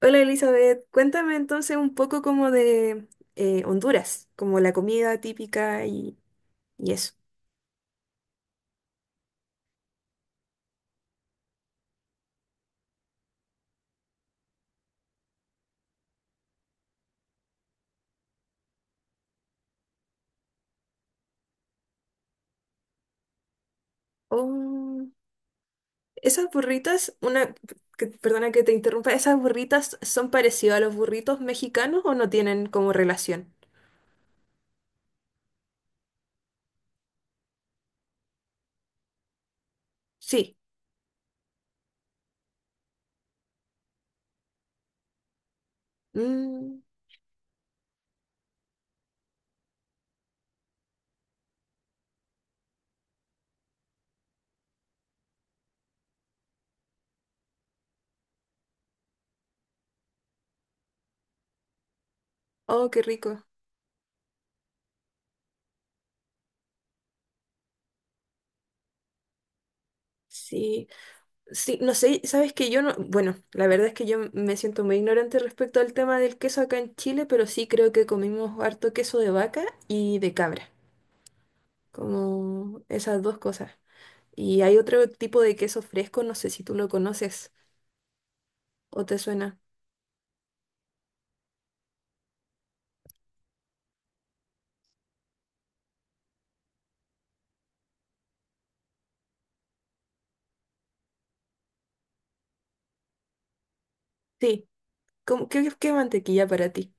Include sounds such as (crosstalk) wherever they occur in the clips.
Hola Elizabeth, cuéntame entonces un poco como de Honduras, como la comida típica y eso. Oh, esas burritas, perdona que te interrumpa, ¿esas burritas son parecidas a los burritos mexicanos o no tienen como relación? Sí. Mm, oh, qué rico. Sí, sí, no sé, sabes que yo no, bueno, la verdad es que yo me siento muy ignorante respecto al tema del queso acá en Chile, pero sí creo que comimos harto queso de vaca y de cabra. Como esas dos cosas. Y hay otro tipo de queso fresco, no sé si tú lo conoces o te suena. Sí, como, ¿qué, qué mantequilla para ti?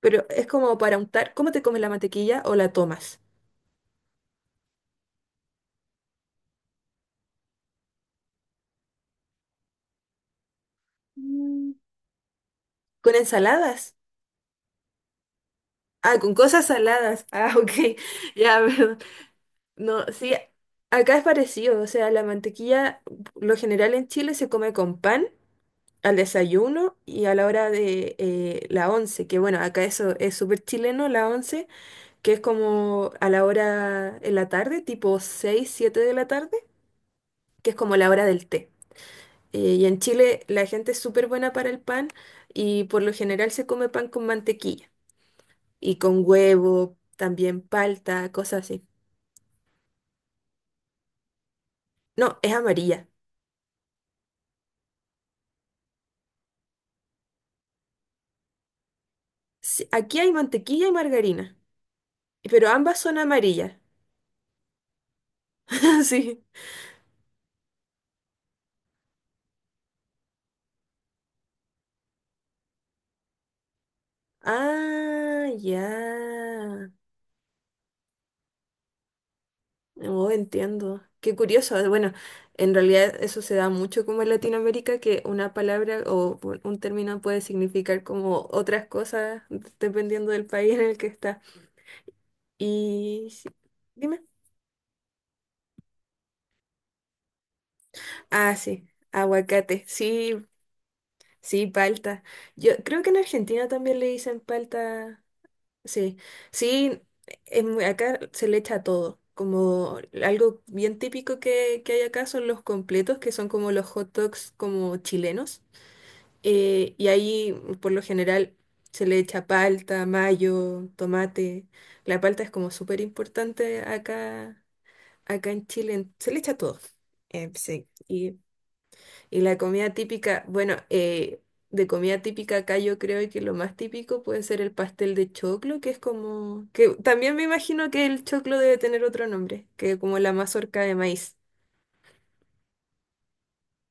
Pero es como para untar, ¿cómo te comes la mantequilla o la tomas? Mm, ¿con ensaladas? Ah, con cosas saladas. Ah, (laughs) ok. Ya, perdón. No, sí, acá es parecido. O sea, la mantequilla, lo general en Chile se come con pan al desayuno y a la hora de la once, que bueno, acá eso es súper chileno, la once, que es como a la hora en la tarde, tipo 6 7 de la tarde, que es como la hora del té. Y en Chile la gente es súper buena para el pan y por lo general se come pan con mantequilla y con huevo, también palta, cosas así. No, es amarilla. Sí, aquí hay mantequilla y margarina, pero ambas son amarillas. (laughs) Sí. Ah, ya. Oh, entiendo. Qué curioso. Bueno, en realidad eso se da mucho como en Latinoamérica, que una palabra o un término puede significar como otras cosas dependiendo del país en el que está. Y sí, dime. Ah, sí, aguacate. Sí, sí, palta. Yo creo que en Argentina también le dicen palta. Sí, sí, es acá se le echa todo. Como algo bien típico que hay acá son los completos, que son como los hot dogs como chilenos. Y ahí, por lo general, se le echa palta, mayo, tomate. La palta es como súper importante acá, acá en Chile. Se le echa todo. Sí. Y la comida típica, bueno, de comida típica acá yo creo que lo más típico puede ser el pastel de choclo, que es como, que también me imagino que el choclo debe tener otro nombre, que como la mazorca de maíz.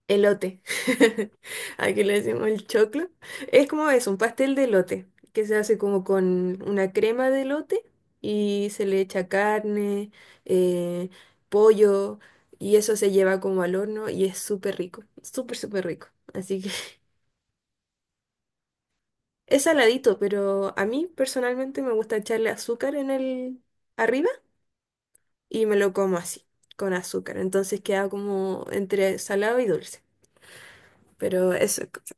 Elote. (laughs) Aquí le decimos el choclo. Es un pastel de elote, que se hace como con una crema de elote y se le echa carne, eh, pollo, y eso se lleva como al horno y es súper rico, súper rico. Así que (laughs) es saladito, pero a mí personalmente me gusta echarle azúcar en el arriba y me lo como así, con azúcar. Entonces queda como entre salado y dulce. Pero eso, es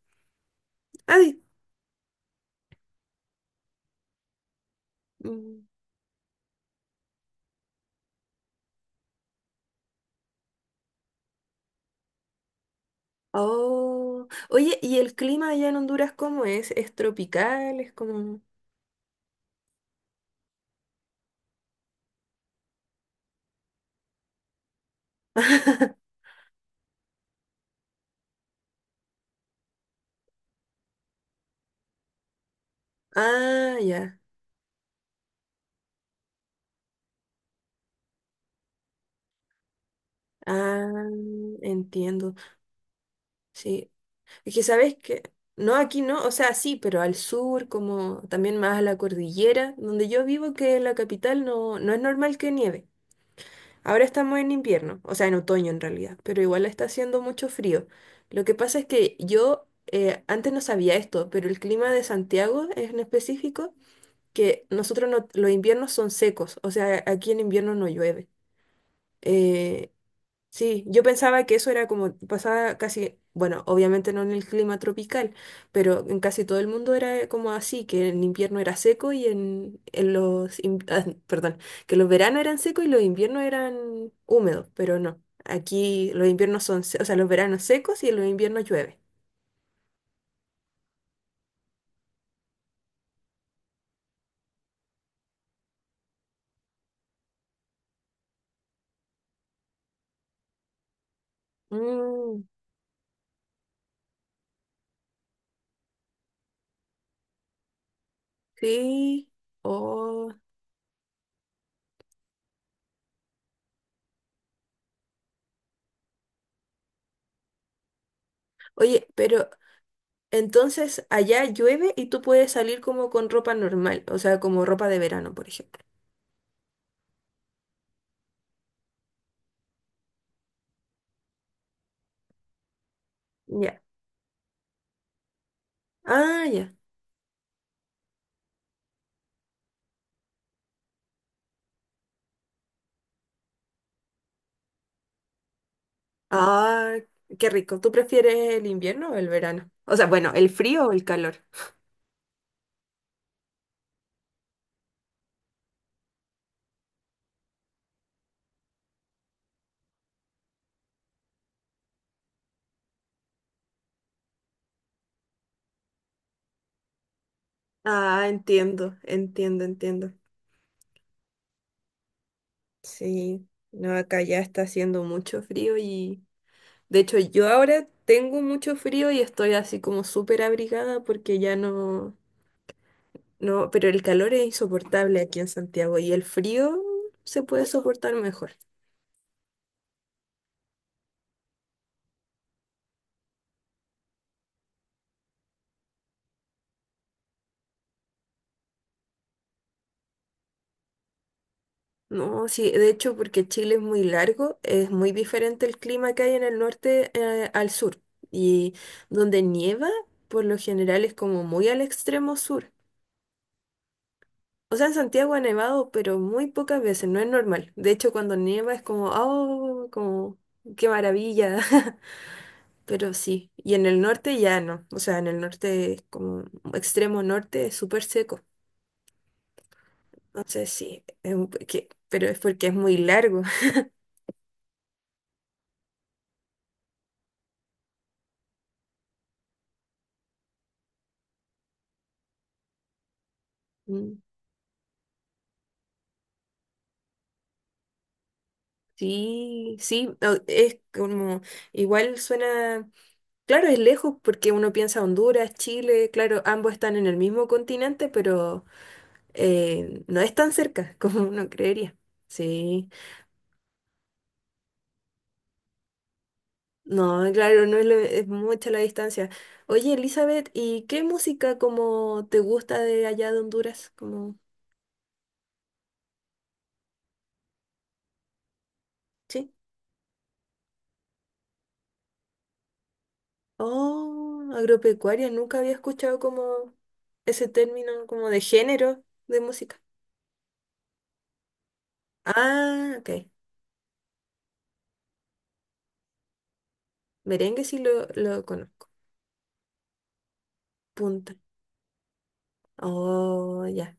ay, mm. Oh, oye, ¿y el clima allá en Honduras cómo es? ¿Es tropical? ¿Es como...? (laughs) Ah, ya. Ah, entiendo. Sí. Es que sabes que... No, aquí no, o sea, sí, pero al sur, como también más a la cordillera, donde yo vivo, que en la capital no, no es normal que nieve. Ahora estamos en invierno, o sea, en otoño en realidad, pero igual está haciendo mucho frío. Lo que pasa es que yo antes no sabía esto, pero el clima de Santiago en específico que nosotros no, los inviernos son secos, o sea, aquí en invierno no llueve. Eh, sí, yo pensaba que eso era como, pasaba casi, bueno, obviamente no en el clima tropical, pero en casi todo el mundo era como así, que en invierno era seco (laughs) ah, perdón, que los veranos eran secos y los inviernos eran húmedos, pero no. Aquí los o sea, los veranos secos y en los inviernos llueve. Mm, sí. Oh. Oye, pero entonces, allá llueve y tú puedes salir como con ropa normal, o sea, como ropa de verano, por ejemplo. Ya. Ah, ya. Ah, qué rico. ¿Tú prefieres el invierno o el verano? O sea, bueno, ¿el frío o el calor? Ah, entiendo, entiendo, entiendo. Sí, no, acá ya está haciendo mucho frío y de hecho yo ahora tengo mucho frío y estoy así como súper abrigada porque ya no, no, pero el calor es insoportable aquí en Santiago y el frío se puede soportar mejor. No, sí, de hecho, porque Chile es muy largo, es muy diferente el clima que hay en el norte, al sur. Y donde nieva, por lo general, es como muy al extremo sur. O sea, en Santiago ha nevado, pero muy pocas veces, no es normal. De hecho, cuando nieva es como, oh, como, qué maravilla. (laughs) Pero sí, y en el norte ya no. O sea, en el norte, es como extremo norte, es súper seco. Entonces sí, es pero es porque es muy largo. (laughs) Sí, sí, es como, igual suena, claro, es lejos porque uno piensa Honduras, Chile, claro, ambos están en el mismo continente, pero no es tan cerca (laughs) como uno creería. Sí, no, claro, no es, lo- es mucha la distancia. Oye, Elizabeth, ¿y qué música como te gusta de allá de Honduras? Como, sí. Oh, agropecuaria, nunca había escuchado como ese término como de género de música. Ah, ok. Merengue sí lo conozco. Punta. Oh, ya.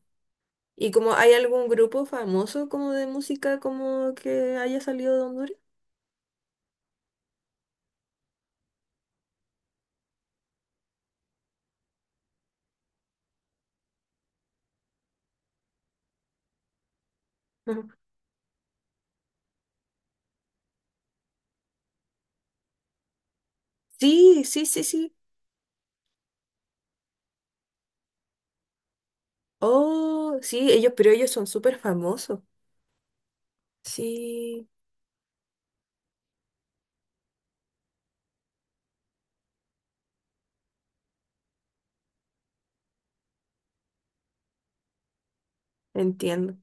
¿Y como hay algún grupo famoso como de música como que haya salido de Honduras? Ujú. Sí, sí, sí, sí. Oh, sí, ellos, pero ellos son súper famosos. Sí, entiendo.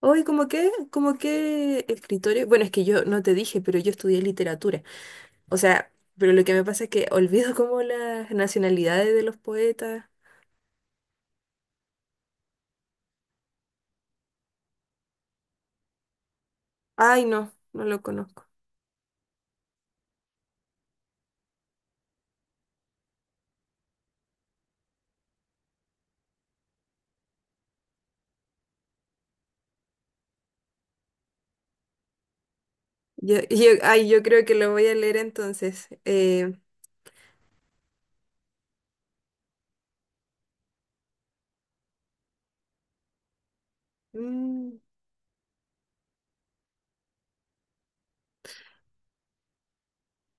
Hoy, como qué escritorio. Bueno, es que yo no te dije, pero yo estudié literatura. O sea, pero lo que me pasa es que olvido como las nacionalidades de los poetas. Ay, no, no lo conozco. Ay, yo creo que lo voy a leer entonces. Mm,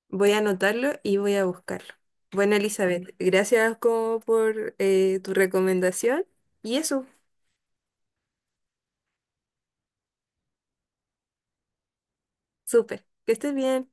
voy a anotarlo y voy a buscarlo. Bueno, Elizabeth, gracias como por tu recomendación. Y eso, súper. Que estés bien.